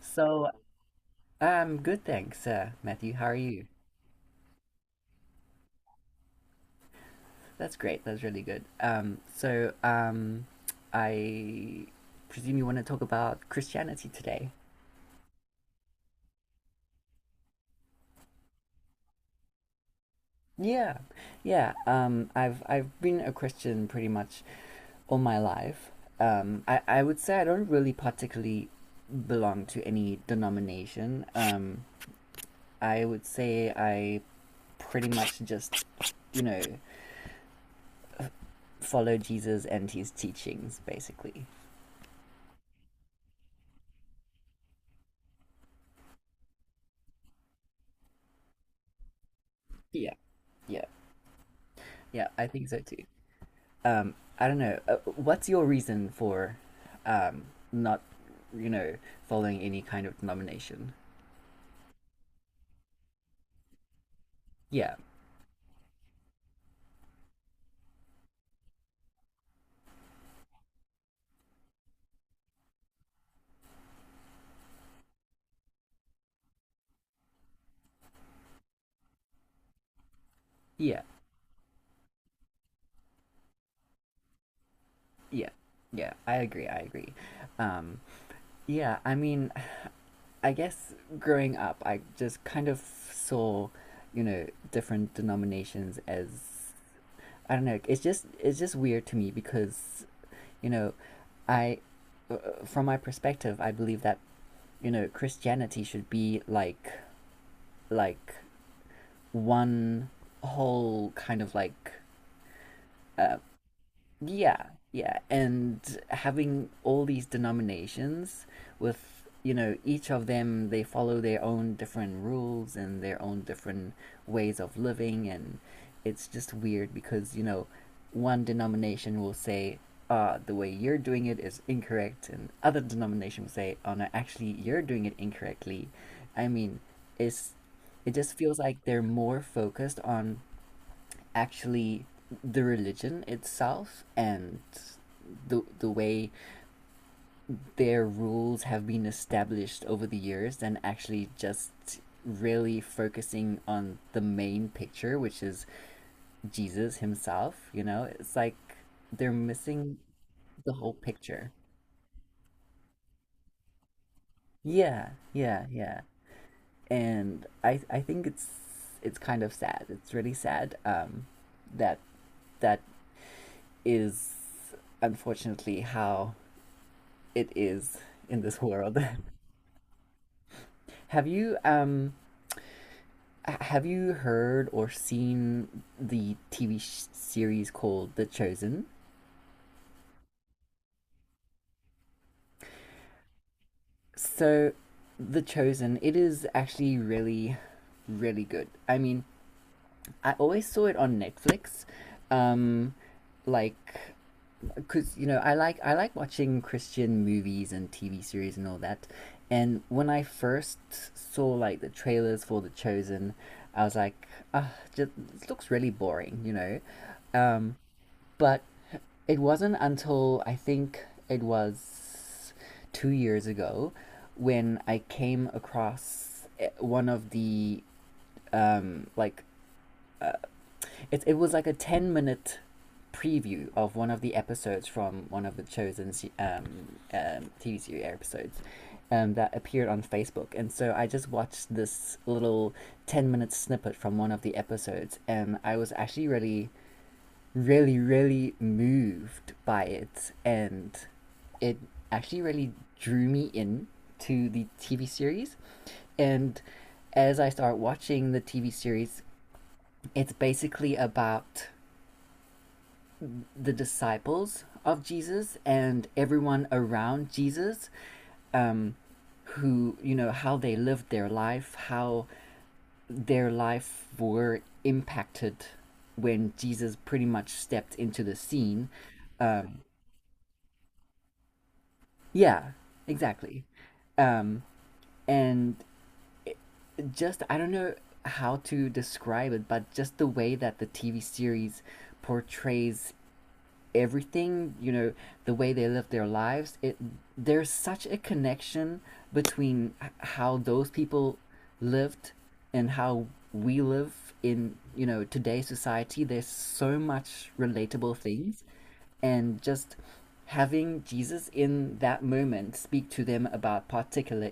So, good, thanks, Matthew. How are you? That's great. That's really good. So, I presume you want to talk about Christianity today. Yeah, yeah. I've been a Christian pretty much all my life. I would say I don't really particularly belong to any denomination. I would say I pretty much just, you know, follow Jesus and his teachings, basically. Yeah, yeah. Yeah, I think so too. I don't know. What's your reason for um, not, you know, following any kind of denomination? Yeah, yeah, yeah, yeah. I agree. I agree. Um, yeah, I mean, I guess growing up, I just kind of saw, you know, different denominations as, I don't know. It's just weird to me, because, you know, I, from my perspective, I believe that, you know, Christianity should be like, like one whole kind of like, uh, yeah, yeah, and having all these denominations, with, you know, each of them, they follow their own different rules and their own different ways of living. And it's just weird, because, you know, one denomination will say, the way you're doing it is incorrect, and other denomination will say, oh, no, actually, you're doing it incorrectly. I mean, it's it just feels like they're more focused on actually the religion itself and the way their rules have been established over the years, than actually just really focusing on the main picture, which is Jesus himself, you know? It's like they're missing the whole picture. Yeah, yeah, yeah. And I think it's kind of sad. It's really sad, that that is, unfortunately, how it is in this world. have you um have you heard or seen the TV series called The Chosen? So, The Chosen, it is actually really really good. I mean, I always saw it on Netflix. Um like because, you know, I like watching Christian movies and TV series and all that. And when I first saw, like, the trailers for The Chosen, I was like, ah, just, it looks really boring. Um, but it wasn't until, I think it was 2 years ago, when I came across, one of the, um, like it was like a 10-minute preview of one of the episodes from one of the Chosen TV series episodes, that appeared on Facebook. And so I just watched this little 10-minute snippet from one of the episodes, and I was actually really, really, really moved by it, and it actually really drew me in to the TV series. And as I start watching the TV series, it's basically about the disciples of Jesus and everyone around Jesus, um, who, you know, how they lived their life, how their life were impacted when Jesus pretty much stepped into the scene. Um, yeah, exactly. Um, and just, I don't know how to describe it, but just the way that the TV series portrays everything, you know, the way they live their lives, it there's such a connection between how those people lived and how we live in, you know, today's society. There's so much relatable things, and just having Jesus in that moment speak to them about particular,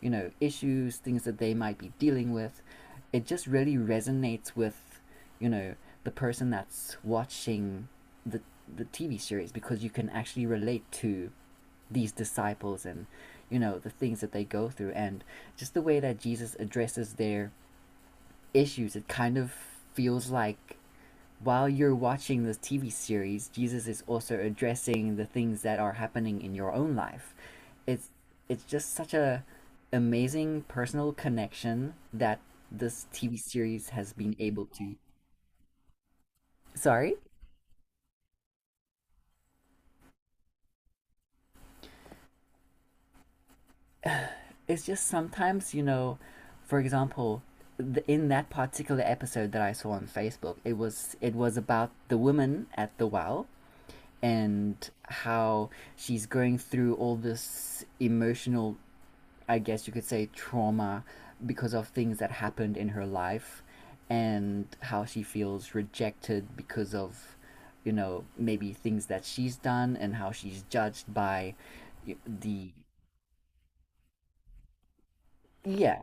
you know, issues, things that they might be dealing with, it just really resonates with, you know, the person that's watching the the TV series, because you can actually relate to these disciples and, you know, the things that they go through. And just the way that Jesus addresses their issues, it kind of feels like while you're watching this TV series, Jesus is also addressing the things that are happening in your own life. It's it's just such a amazing personal connection that this TV series has been able to. Sorry. It's just sometimes, you know, for example, in that particular episode that I saw on Facebook, it was about the woman at the well, and how she's going through all this emotional, I guess you could say, trauma, because of things that happened in her life, and how she feels rejected because of, you know, maybe things that she's done, and how she's judged by the, yeah.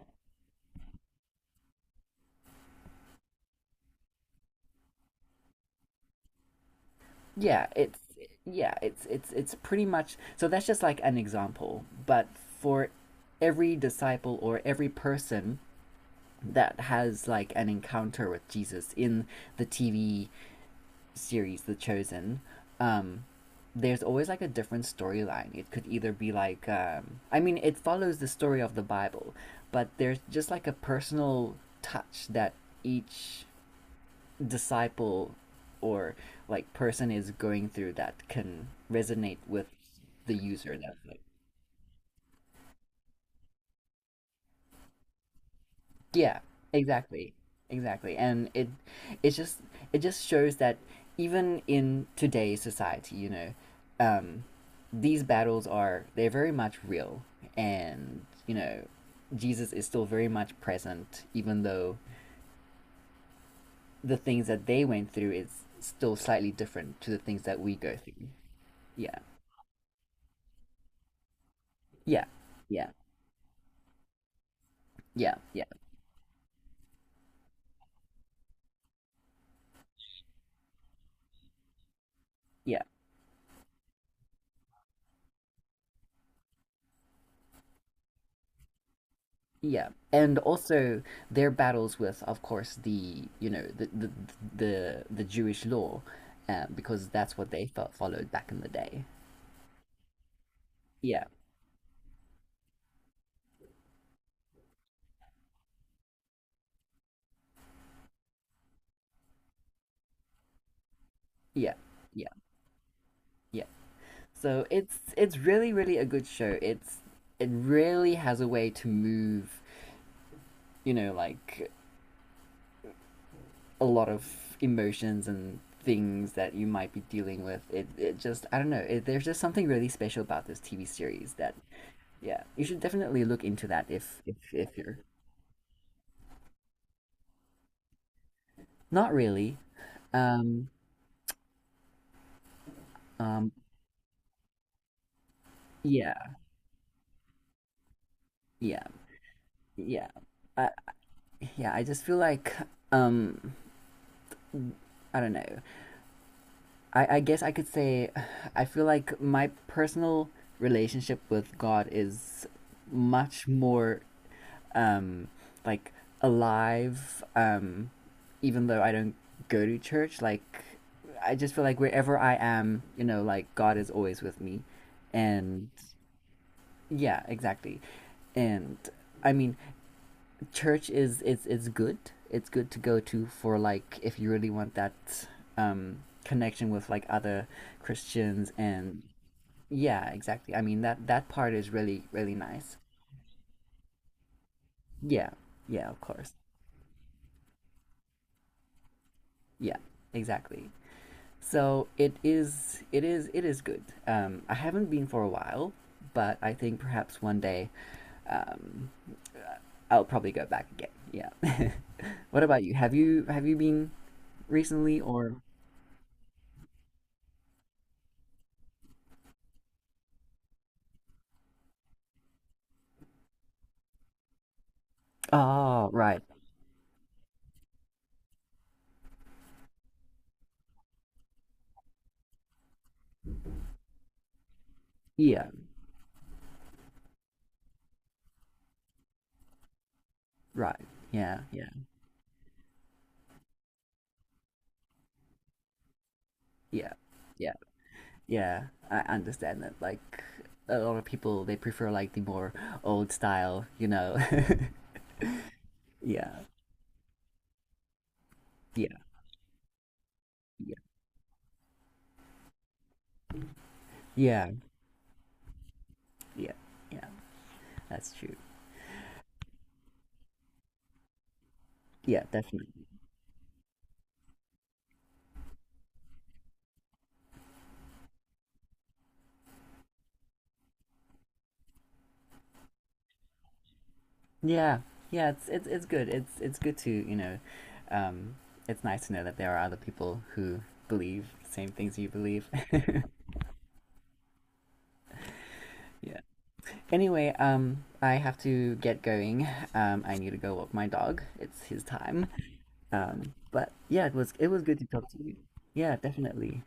Yeah, it's yeah, it's pretty much, so that's just like an example. But for every disciple or every person that has, like, an encounter with Jesus in the TV series The Chosen, um there's always, like, a different storyline. It could either be like, I mean, it follows the story of the Bible, but there's just, like, a personal touch that each disciple or, like, person is going through that can resonate with the user that's like, yeah, exactly, exactly. And it it just it just shows that even in today's society, you know, um these battles are they're very much real. And, you know, Jesus is still very much present, even though the things that they went through is still slightly different to the things that we go through. Yeah, yeah, yeah. Yeah, yeah, yeah, yeah. And also, their battles with, of course, the you know the Jewish law, because that's what they followed back in the day. Yeah, yeah, yeah, yeah. So it's really really a good show. It really has a way to move, you know, like, a lot of emotions and things that you might be dealing with. It just I don't know. There's just something really special about this TV series that Yeah, you should definitely look into that if you're not really. Um, um, yeah, yeah, yeah. I, yeah, I just feel like, um, I don't know. I guess I could say, I feel like my personal relationship with God is much more, um, like, alive. Even though I don't go to church, like, I just feel like wherever I am, you know, like, God is always with me, and yeah, exactly. And I mean, church is it's good. It's good to go to for, like, if you really want that, connection with, like, other Christians. And yeah, exactly. I mean, that that part is really really nice. Yeah, yeah, of course. Yeah, exactly. So it is, it is, it is good. I haven't been for a while, but I think perhaps one day, um, I'll probably go back again. Yeah. What about you? Have you been recently or? Oh, right. Yeah, right. Yeah, yeah, yeah, yeah, yeah. I understand that. Like, a lot of people, they prefer like the more old style, you know. Yeah, yeah, yeah, yeah, yeah, yeah. That's true. Yeah, definitely. Yeah, yeah, it's good. It's good to, you know, um, it's nice to know that there are other people who believe the same things you believe. Yeah. Anyway, I have to get going. I need to go walk my dog. It's his time. But yeah, it was good to talk to you. Yeah, definitely.